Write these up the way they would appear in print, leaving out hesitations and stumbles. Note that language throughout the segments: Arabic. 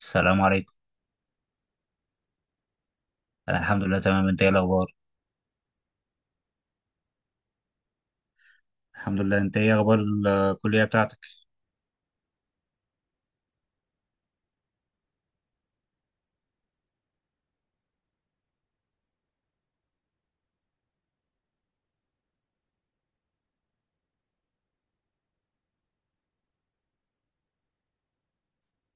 السلام عليكم. انا الحمد لله تمام، انت ايه الاخبار؟ الحمد لله، انت ايه اخبار الكليه بتاعتك؟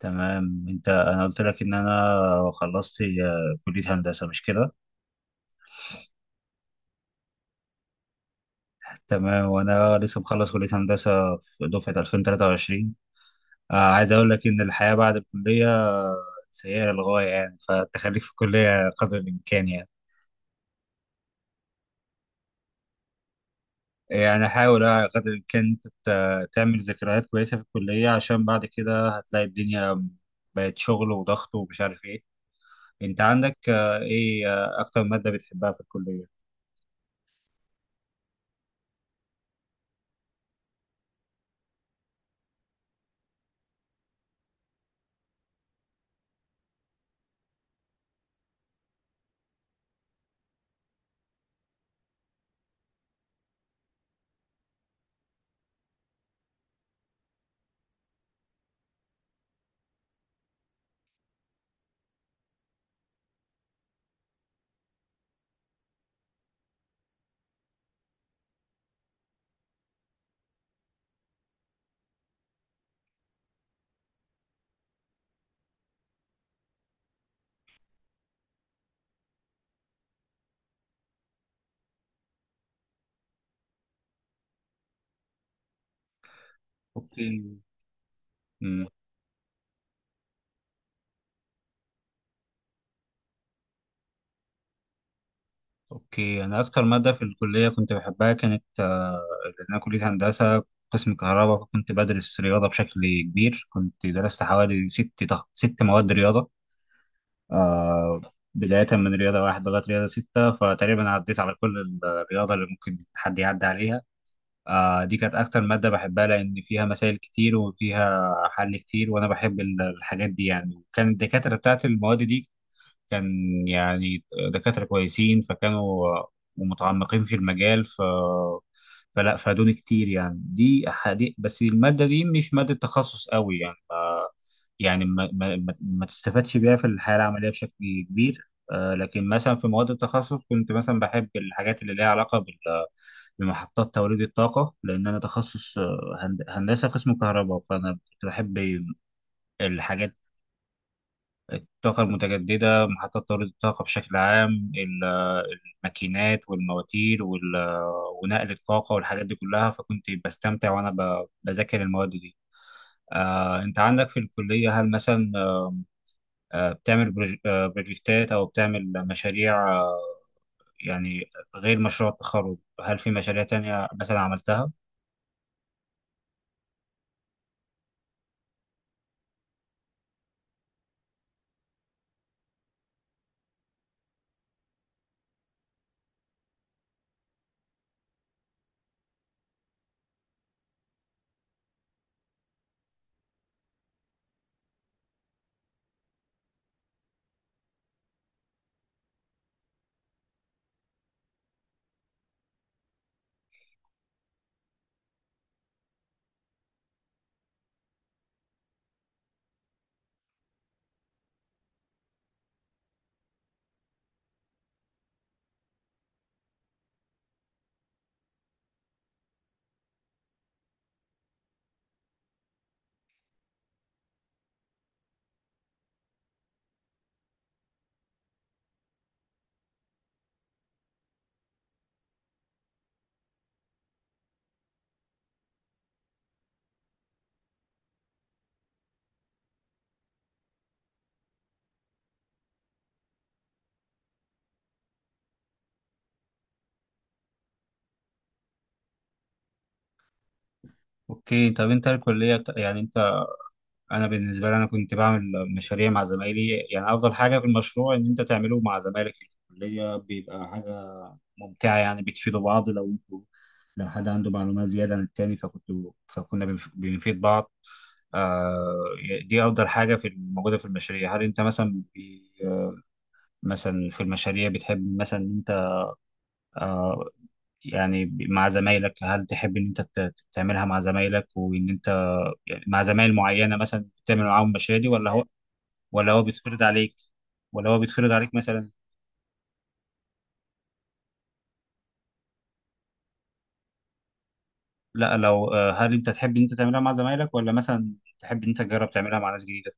تمام. انت انا قلت لك ان انا خلصت كليه هندسه، مش كده؟ تمام، وانا لسه مخلص كليه هندسه في دفعه 2023. عايز اقول لك ان الحياه بعد الكليه سيئه للغايه يعني، فالتخليك في الكليه قدر الامكان يعني. يعني حاول قدر الامكان تعمل ذكريات كويسه في الكليه، عشان بعد كده هتلاقي الدنيا بقت شغل وضغط ومش عارف إيه. انت عندك ايه اكتر مادة بتحبها في الكلية؟ اوكي. مم. اوكي، انا اكتر مادة في الكلية كنت بحبها كانت لأن انا كلية هندسة قسم كهرباء، فكنت بدرس رياضة بشكل كبير. كنت درست حوالي ست مواد رياضة. آه. بداية من رياضة واحد لغاية رياضة ستة، فتقريبا عديت على كل الرياضة اللي ممكن حد يعدي عليها. دي كانت أكتر مادة بحبها، لأن فيها مسائل كتير وفيها حل كتير، وأنا بحب الحاجات دي يعني. وكان الدكاترة بتاعت المواد دي كان، يعني، دكاترة كويسين، فكانوا ومتعمقين في المجال، فلا فادوني كتير. يعني دي حديث، بس المادة دي مش مادة تخصص قوي، يعني ما تستفادش بيها في الحياة العملية بشكل كبير. لكن مثلا في مواد التخصص كنت مثلا بحب الحاجات اللي ليها علاقة بمحطات توليد الطاقة، لأن أنا تخصص هندسة قسم كهرباء، فأنا كنت بحب الحاجات. الطاقة المتجددة، محطات توليد الطاقة بشكل عام، الماكينات والمواتير ونقل الطاقة والحاجات دي كلها. فكنت بستمتع وأنا بذاكر المواد دي. أنت عندك في الكلية هل مثلا بتعمل بروجكتات أو بتعمل مشاريع؟ يعني غير مشروع التخرج، هل في مشاريع تانية مثلا عملتها؟ أوكي. طب أنت الكلية بت- يعني أنت انا بالنسبه لي انا كنت بعمل مشاريع مع زمايلي. يعني افضل حاجه في المشروع ان انت تعمله مع زمايلك في الكليه، بيبقى حاجه ممتعه يعني. بتفيدوا بعض، لو انتوا، لو حد عنده معلومات زياده عن التاني فكنتوا، بنفيد بعض. آه. دي افضل حاجه في موجوده في المشاريع. هل انت مثلا في المشاريع بتحب مثلا ان انت، آه يعني، مع زمايلك، هل تحب ان انت تعملها مع زمايلك، وان انت، يعني، مع زمايل معينه مثلا تعمل معاهم المشاريع دي؟ ولا هو بيتفرض عليك ولا هو بيتفرض عليك مثلا؟ لا، لو هل انت تحب ان انت تعملها مع زمايلك، ولا مثلا تحب ان انت تجرب تعملها مع ناس جديده؟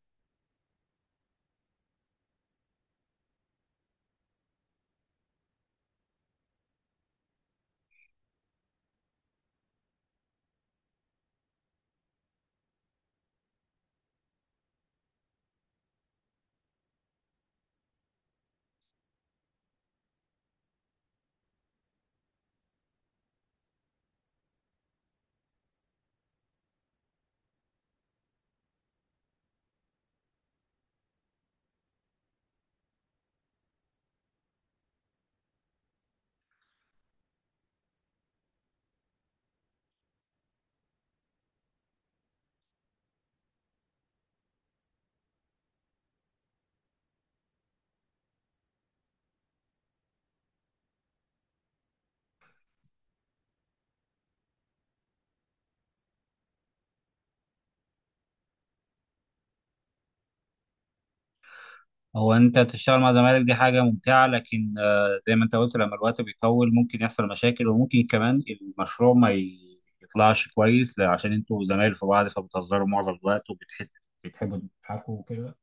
هو انت تشتغل مع زمايلك دي حاجه ممتعه، لكن زي ما انت قلت لما الوقت بيطول ممكن يحصل مشاكل، وممكن كمان المشروع ما ي- يطلعش كويس، عشان انتوا زمايل في بعض فبتهزروا معظم الوقت، وبتحس بتحبوا تضحكوا وكده.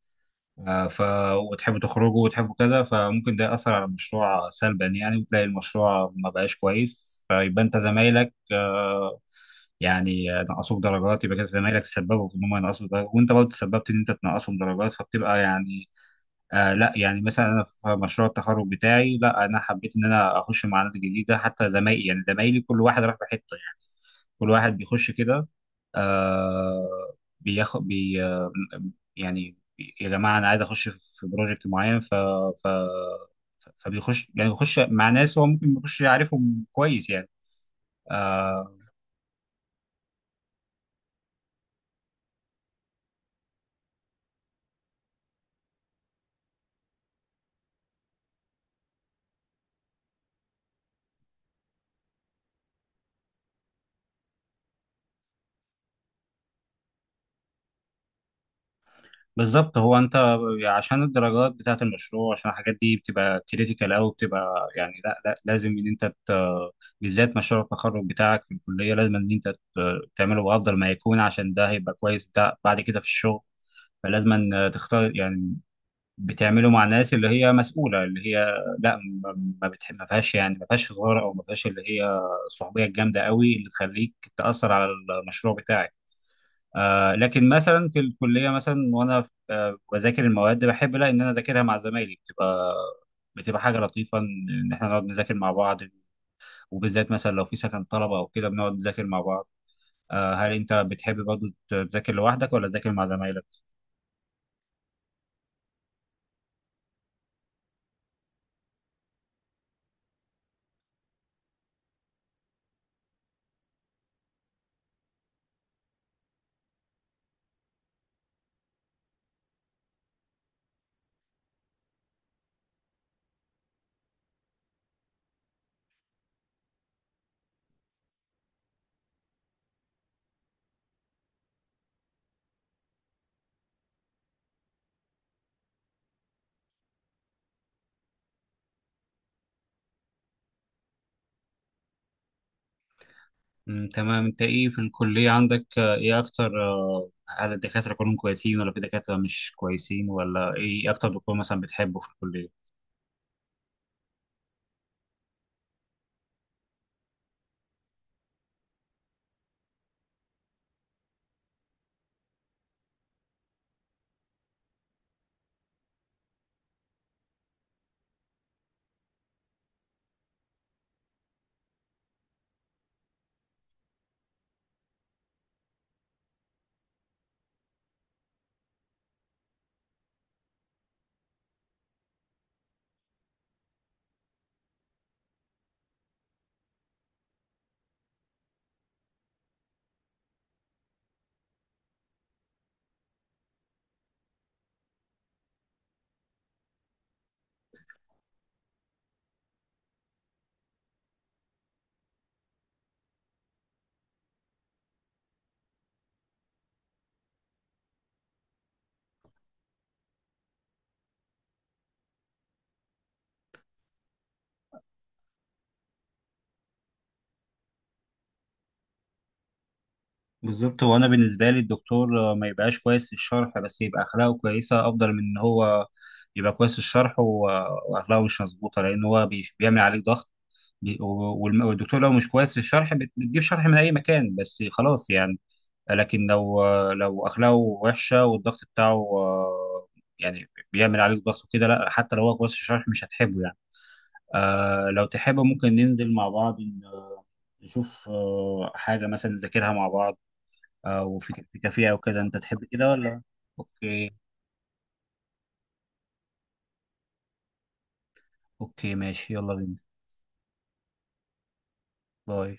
آه، ف وتحبوا تخرجوا وتحبوا كذا، فممكن ده يأثر على المشروع سلبا يعني، وتلاقي المشروع ما بقاش كويس، فيبقى انت زمايلك يعني نقصوك درجات، يبقى كده زمايلك تسببوا في ان هم ينقصوا درجات، وانت برضه تسببت ان انت تنقصهم درجات، فبتبقى يعني. آه، لا، يعني مثلا انا في مشروع التخرج بتاعي، لا انا حبيت ان انا اخش مع ناس جديده، حتى زمايلي، يعني زمايلي كل واحد راح بحته يعني. كل واحد بيخش كده، آه بياخد بي آه يعني يا جماعه انا عايز اخش في بروجكت معين، ف ف فبيخش، يعني بيخش مع ناس هو ممكن بيخش يعرفهم كويس يعني. آه، بالظبط. هو انت عشان الدرجات بتاعت المشروع، عشان الحاجات دي بتبقى كريتيكال قوي، بتبقى يعني لا، لازم ان انت ت...، بالذات مشروع التخرج بتاعك في الكليه لازم ان انت ت... تعمله بافضل ما يكون، عشان ده هيبقى كويس بتاع بعد كده في الشغل. فلازم ان تختار يعني بتعمله مع ناس اللي هي مسؤوله، اللي هي لا ما ما فيهاش يعني ما فيهاش هزار، او ما فيهاش اللي هي الصحوبيه الجامده قوي اللي تخليك تاثر على المشروع بتاعك. آه، لكن مثلا في الكليه مثلا، وانا بذاكر المواد، بحب لا ان انا اذاكرها مع زمايلي، بتبقى، بتبقى حاجه لطيفه ان إن احنا نقعد نذاكر مع بعض، وبالذات مثلا لو في سكن طلبه او كده بنقعد نذاكر مع بعض. آه، هل انت بتحب برضه تذاكر لوحدك ولا تذاكر مع زمايلك؟ مم، تمام. انت ايه في الكليه عندك آه ايه اكتر آه هل الدكاتره كلهم كويسين ولا في دكاتره مش كويسين؟ ولا ايه اكتر دكتور مثلا بتحبه في الكليه؟ بالظبط. هو انا بالنسبه لي الدكتور ما يبقاش كويس في الشرح، بس يبقى اخلاقه كويسه، افضل من ان هو يبقى كويس في الشرح واخلاقه مش مظبوطه، لان هو بيعمل عليك ضغط. والدكتور لو مش كويس في الشرح بتجيب شرح من اي مكان بس خلاص يعني. لكن لو لو اخلاقه وحشه والضغط بتاعه يعني بيعمل عليك ضغط وكده، لا حتى لو هو كويس في الشرح مش هتحبه يعني. آه، لو تحب ممكن ننزل مع بعض نشوف حاجه مثلا نذاكرها مع بعض، وفي في كافيه او كده. انت تحب كده ولا؟ اوكي. اوكي، ماشي، يلا بينا. باي.